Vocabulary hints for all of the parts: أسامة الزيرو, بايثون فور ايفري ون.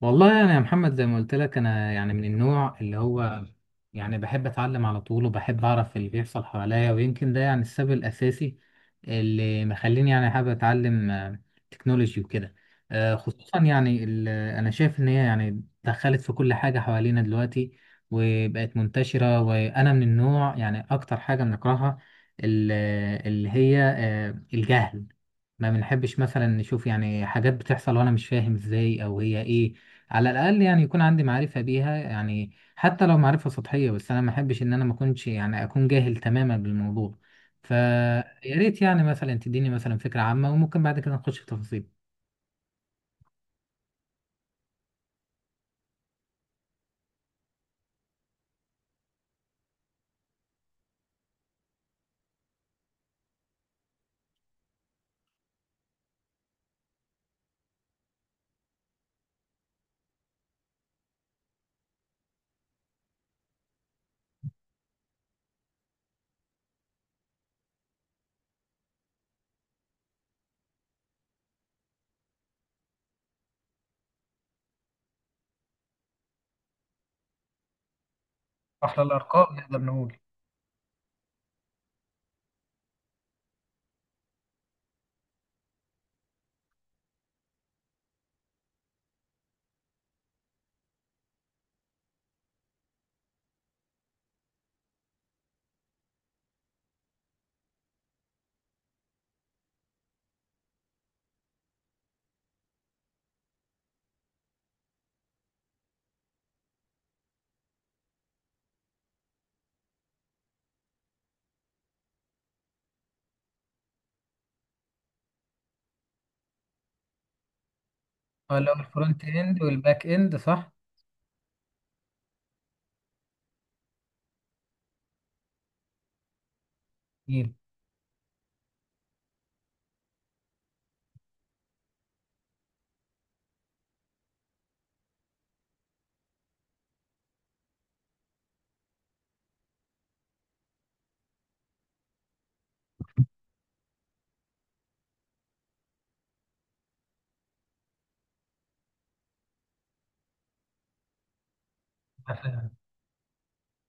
والله انا يا محمد زي ما قلت لك، انا يعني من النوع اللي هو يعني بحب اتعلم على طول وبحب اعرف اللي بيحصل حواليا، ويمكن ده يعني السبب الاساسي اللي مخليني يعني حابب اتعلم تكنولوجي وكده. خصوصا يعني انا شايف ان هي يعني دخلت في كل حاجة حوالينا دلوقتي وبقت منتشرة، وانا من النوع يعني اكتر حاجة بنكرهها ال- اللي هي الجهل. ما بنحبش مثلا نشوف يعني حاجات بتحصل وانا مش فاهم ازاي او هي ايه، على الاقل يعني يكون عندي معرفه بيها، يعني حتى لو معرفه سطحيه، بس انا ما احبش ان انا ما اكونش يعني اكون جاهل تماما بالموضوع. فيا ريت يعني مثلا تديني مثلا فكره عامه وممكن بعد كده نخش في تفاصيل. احلى الارقام نقدر نقول. اللي هو الفرونت اند والباك اند، صح. جميل.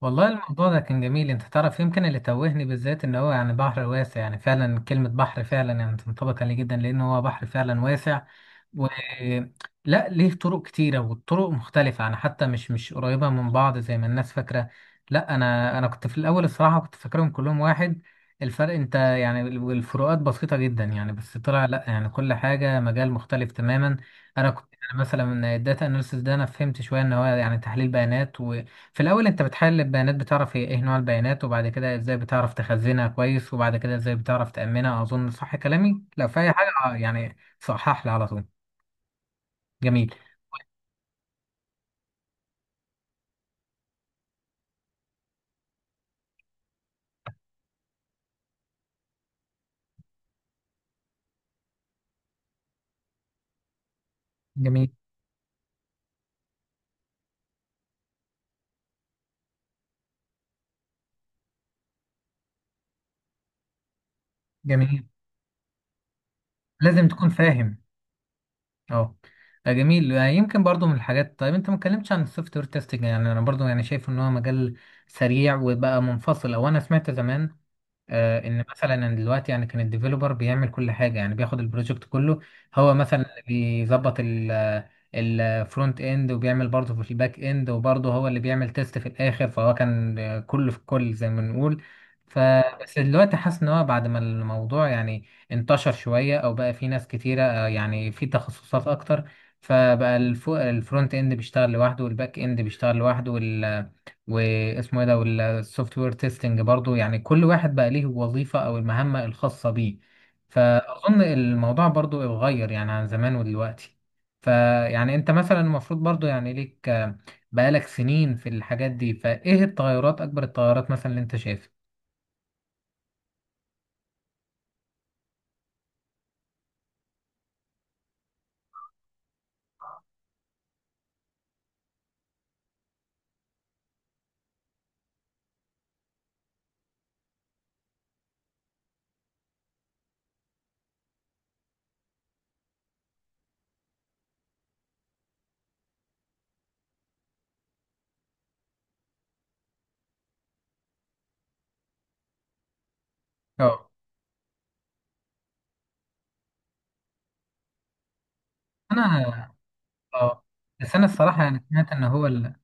والله الموضوع ده كان جميل، انت تعرف يمكن اللي توهني بالذات ان هو يعني بحر واسع، يعني فعلا كلمة بحر فعلا يعني تنطبق عليه جدا، لان هو بحر فعلا واسع. و لا ليه طرق كتيرة والطرق مختلفة، يعني حتى مش قريبة من بعض زي ما الناس فاكرة. لا انا كنت في الاول الصراحة كنت فاكرهم كلهم واحد، الفرق انت يعني الفروقات بسيطة جدا، يعني بس طلع لا يعني كل حاجة مجال مختلف تماما. انا كنت يعني مثلا من الداتا اناليسيس ده انا فهمت شوية ان هو يعني تحليل بيانات. في الأول أنت بتحلل البيانات، بتعرف هي إيه نوع البيانات، وبعد كده إزاي بتعرف تخزنها كويس، وبعد كده إزاي بتعرف تأمنها، أظن صح كلامي؟ لو في أي حاجة يعني صحح لي على طول. جميل. جميل. جميل، لازم تكون فاهم. أه. جميل. يمكن برضو من الحاجات، طيب أنت ما اتكلمتش عن السوفت وير تيستنج، يعني أنا برضو يعني شايف إن هو مجال سريع وبقى منفصل، أو أنا سمعت زمان ان مثلا أنا دلوقتي يعني كان الديفيلوبر بيعمل كل حاجه، يعني بياخد البروجكت كله، هو مثلا اللي بيظبط الفرونت اند وبيعمل برضه في الباك اند وبرضه هو اللي بيعمل تيست في الاخر، فهو كان كله في كل زي ما بنقول. فبس دلوقتي حاسس ان هو بعد ما الموضوع يعني انتشر شويه او بقى في ناس كتيره يعني في تخصصات اكتر، فبقى الفرونت اند بيشتغل لوحده والباك اند بيشتغل لوحده واسمه ايه ده والسوفت وير تيستنج برضو، يعني كل واحد بقى ليه وظيفة او المهمة الخاصة بيه. فاظن الموضوع برضو اتغير يعني عن زمان ودلوقتي، فيعني انت مثلا المفروض برضو يعني ليك بقالك سنين في الحاجات دي، فايه التغيرات، اكبر التغيرات مثلا اللي انت شايفها. اه. انا اه. بس انا الصراحة يعني سمعت ان هو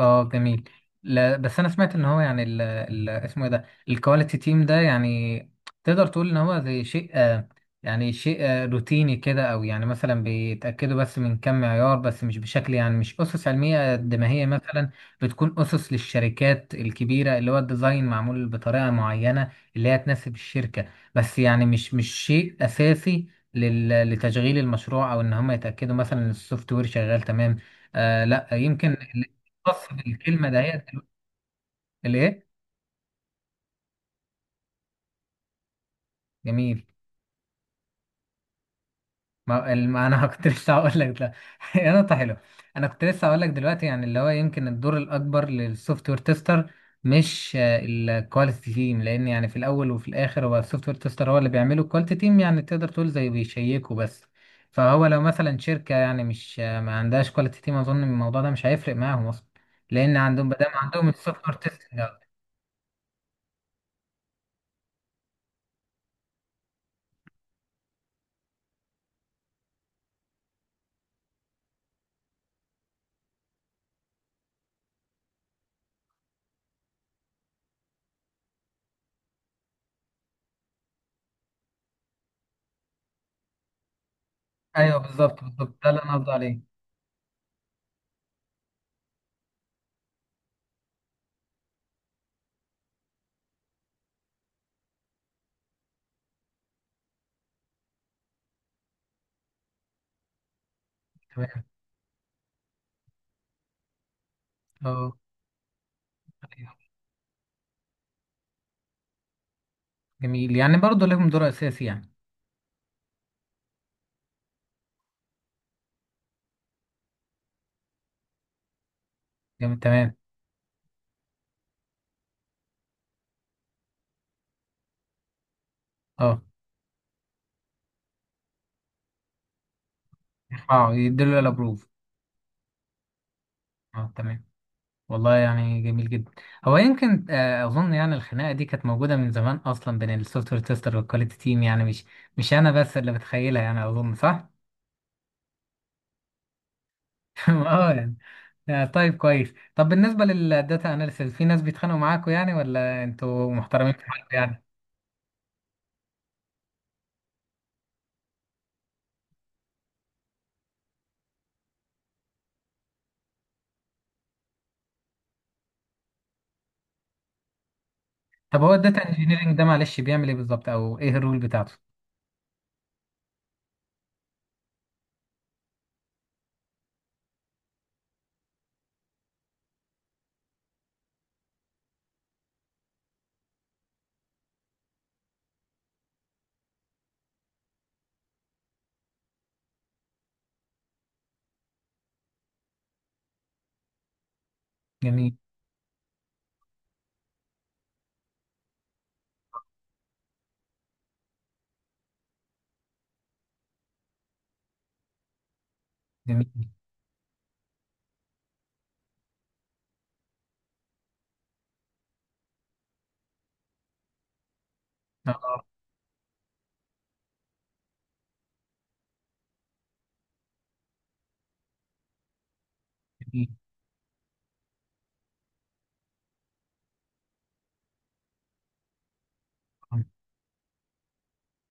اه جميل. لا بس انا سمعت ان هو يعني ال اسمه ايه ده، الكواليتي تيم ده، يعني تقدر تقول ان هو زي شيء يعني شيء روتيني كده، او يعني مثلا بيتاكدوا بس من كم معيار، بس مش بشكل يعني مش اسس علميه قد ما هي مثلا بتكون اسس للشركات الكبيره، اللي هو الديزاين معمول بطريقه معينه اللي هي تناسب الشركه، بس يعني مش شيء اساسي لتشغيل المشروع، او ان هم يتاكدوا مثلا ان السوفت وير شغال تمام. آه لا يمكن خاص بالكلمه دهيت دلوقتي-. الايه؟ جميل. ما انا كنت لسه هقول لك ده. يا نقطه حلوه، انا كنت لسه هقول لك دلوقتي يعني اللي هو يمكن الدور الاكبر للسوفت وير تيستر مش الكواليتي تيم، لان يعني في الاول وفي الاخر هو السوفت وير تيستر هو اللي بيعمله الكواليتي تيم، يعني تقدر تقول زي بيشيكوا بس. فهو لو مثلا شركه يعني مش ما عندهاش كواليتي تيم، اظن الموضوع ده مش هيفرق معاهم اصلا، لان عندهم ما دام عندهم السوفت وير تيستنج. ايوه بالظبط، بالظبط، ده اللي انا قصدي عليه. تمام. اه جميل، يعني برضه لهم دور اساسي يعني. جميل تمام. اه، اه، يديله الابروف. اه تمام. والله يعني جميل جدا، هو يمكن اظن يعني الخناقه دي كانت موجوده من زمان اصلا بين السوفت وير تيستر والكواليتي تيم، يعني مش انا بس اللي بتخيلها، يعني اظن صح. اه يعني. طيب كويس، طب بالنسبه للداتا اناليسيس في ناس بيتخانقوا معاكوا يعني، ولا انتوا محترمين في حالكم يعني؟ طب هو الداتا انجينيرنج ده معلش بيعمل ايه بالظبط، او ايه الرول بتاعته؟ جميل. جميل. اه جميل.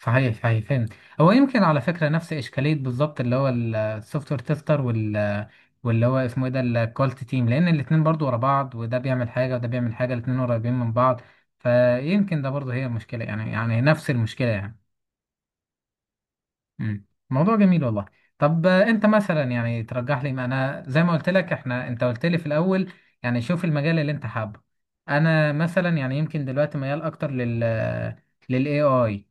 صحيح صحيح، فهمت. هو يمكن على فكرة نفس إشكالية بالظبط اللي هو السوفت وير تيستر، واللي هو اسمه ايه ده الكواليتي تيم، لأن الاتنين برضو ورا بعض، وده بيعمل حاجة وده بيعمل حاجة، الاتنين قريبين من بعض، فيمكن ده برضو هي المشكلة، يعني نفس المشكلة يعني. مم. موضوع جميل والله. طب أنت مثلا يعني ترجح لي، ما أنا زي ما قلت لك، إحنا أنت قلت لي في الأول يعني شوف المجال اللي أنت حابه، أنا مثلا يعني يمكن دلوقتي ميال أكتر لل AI،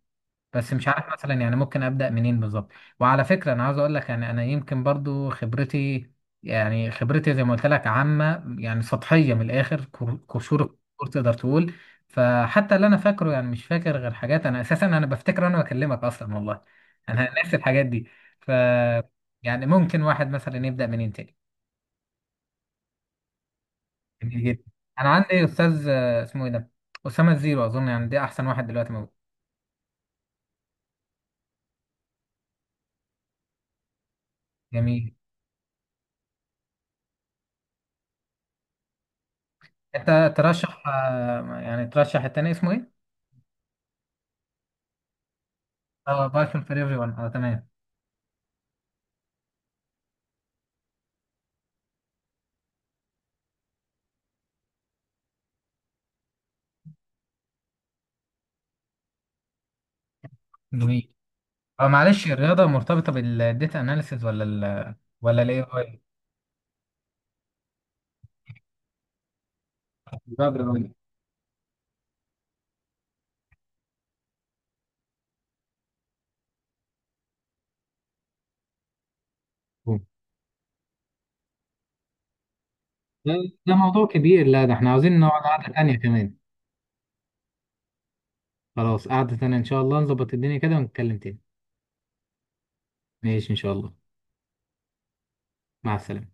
بس مش عارف مثلا يعني ممكن ابدا منين بالظبط. وعلى فكره انا عاوز اقول لك يعني انا يمكن برضو خبرتي، يعني خبرتي زي ما قلت لك عامه يعني سطحيه، من الاخر قشور الكور تقدر تقول. فحتى اللي انا فاكره يعني مش فاكر غير حاجات، انا اساسا انا بفتكر انا بكلمك اصلا والله، انا ناسي الحاجات دي. ف يعني ممكن واحد مثلا يبدا منين تاني؟ جميل جدا. انا عندي استاذ اسمه ايه ده، اسامه الزيرو، اظن يعني ده احسن واحد دلوقتي موجود. جميل. انت ترشح يعني ترشح التاني اسمه ايه؟ اه بايثون فور ايفري ون، اه تمام. جميل. اه معلش الرياضة مرتبطة بالداتا اناليسيز ولا ولا الاي اي؟ لا بالرغم. ده ده موضوع كبير، لا ده احنا عاوزين نقعد قعدة تانية كمان. خلاص قعدة تانية ان شاء الله، نظبط الدنيا كده ونتكلم تاني. ماشي ان شاء الله. مع السلامة.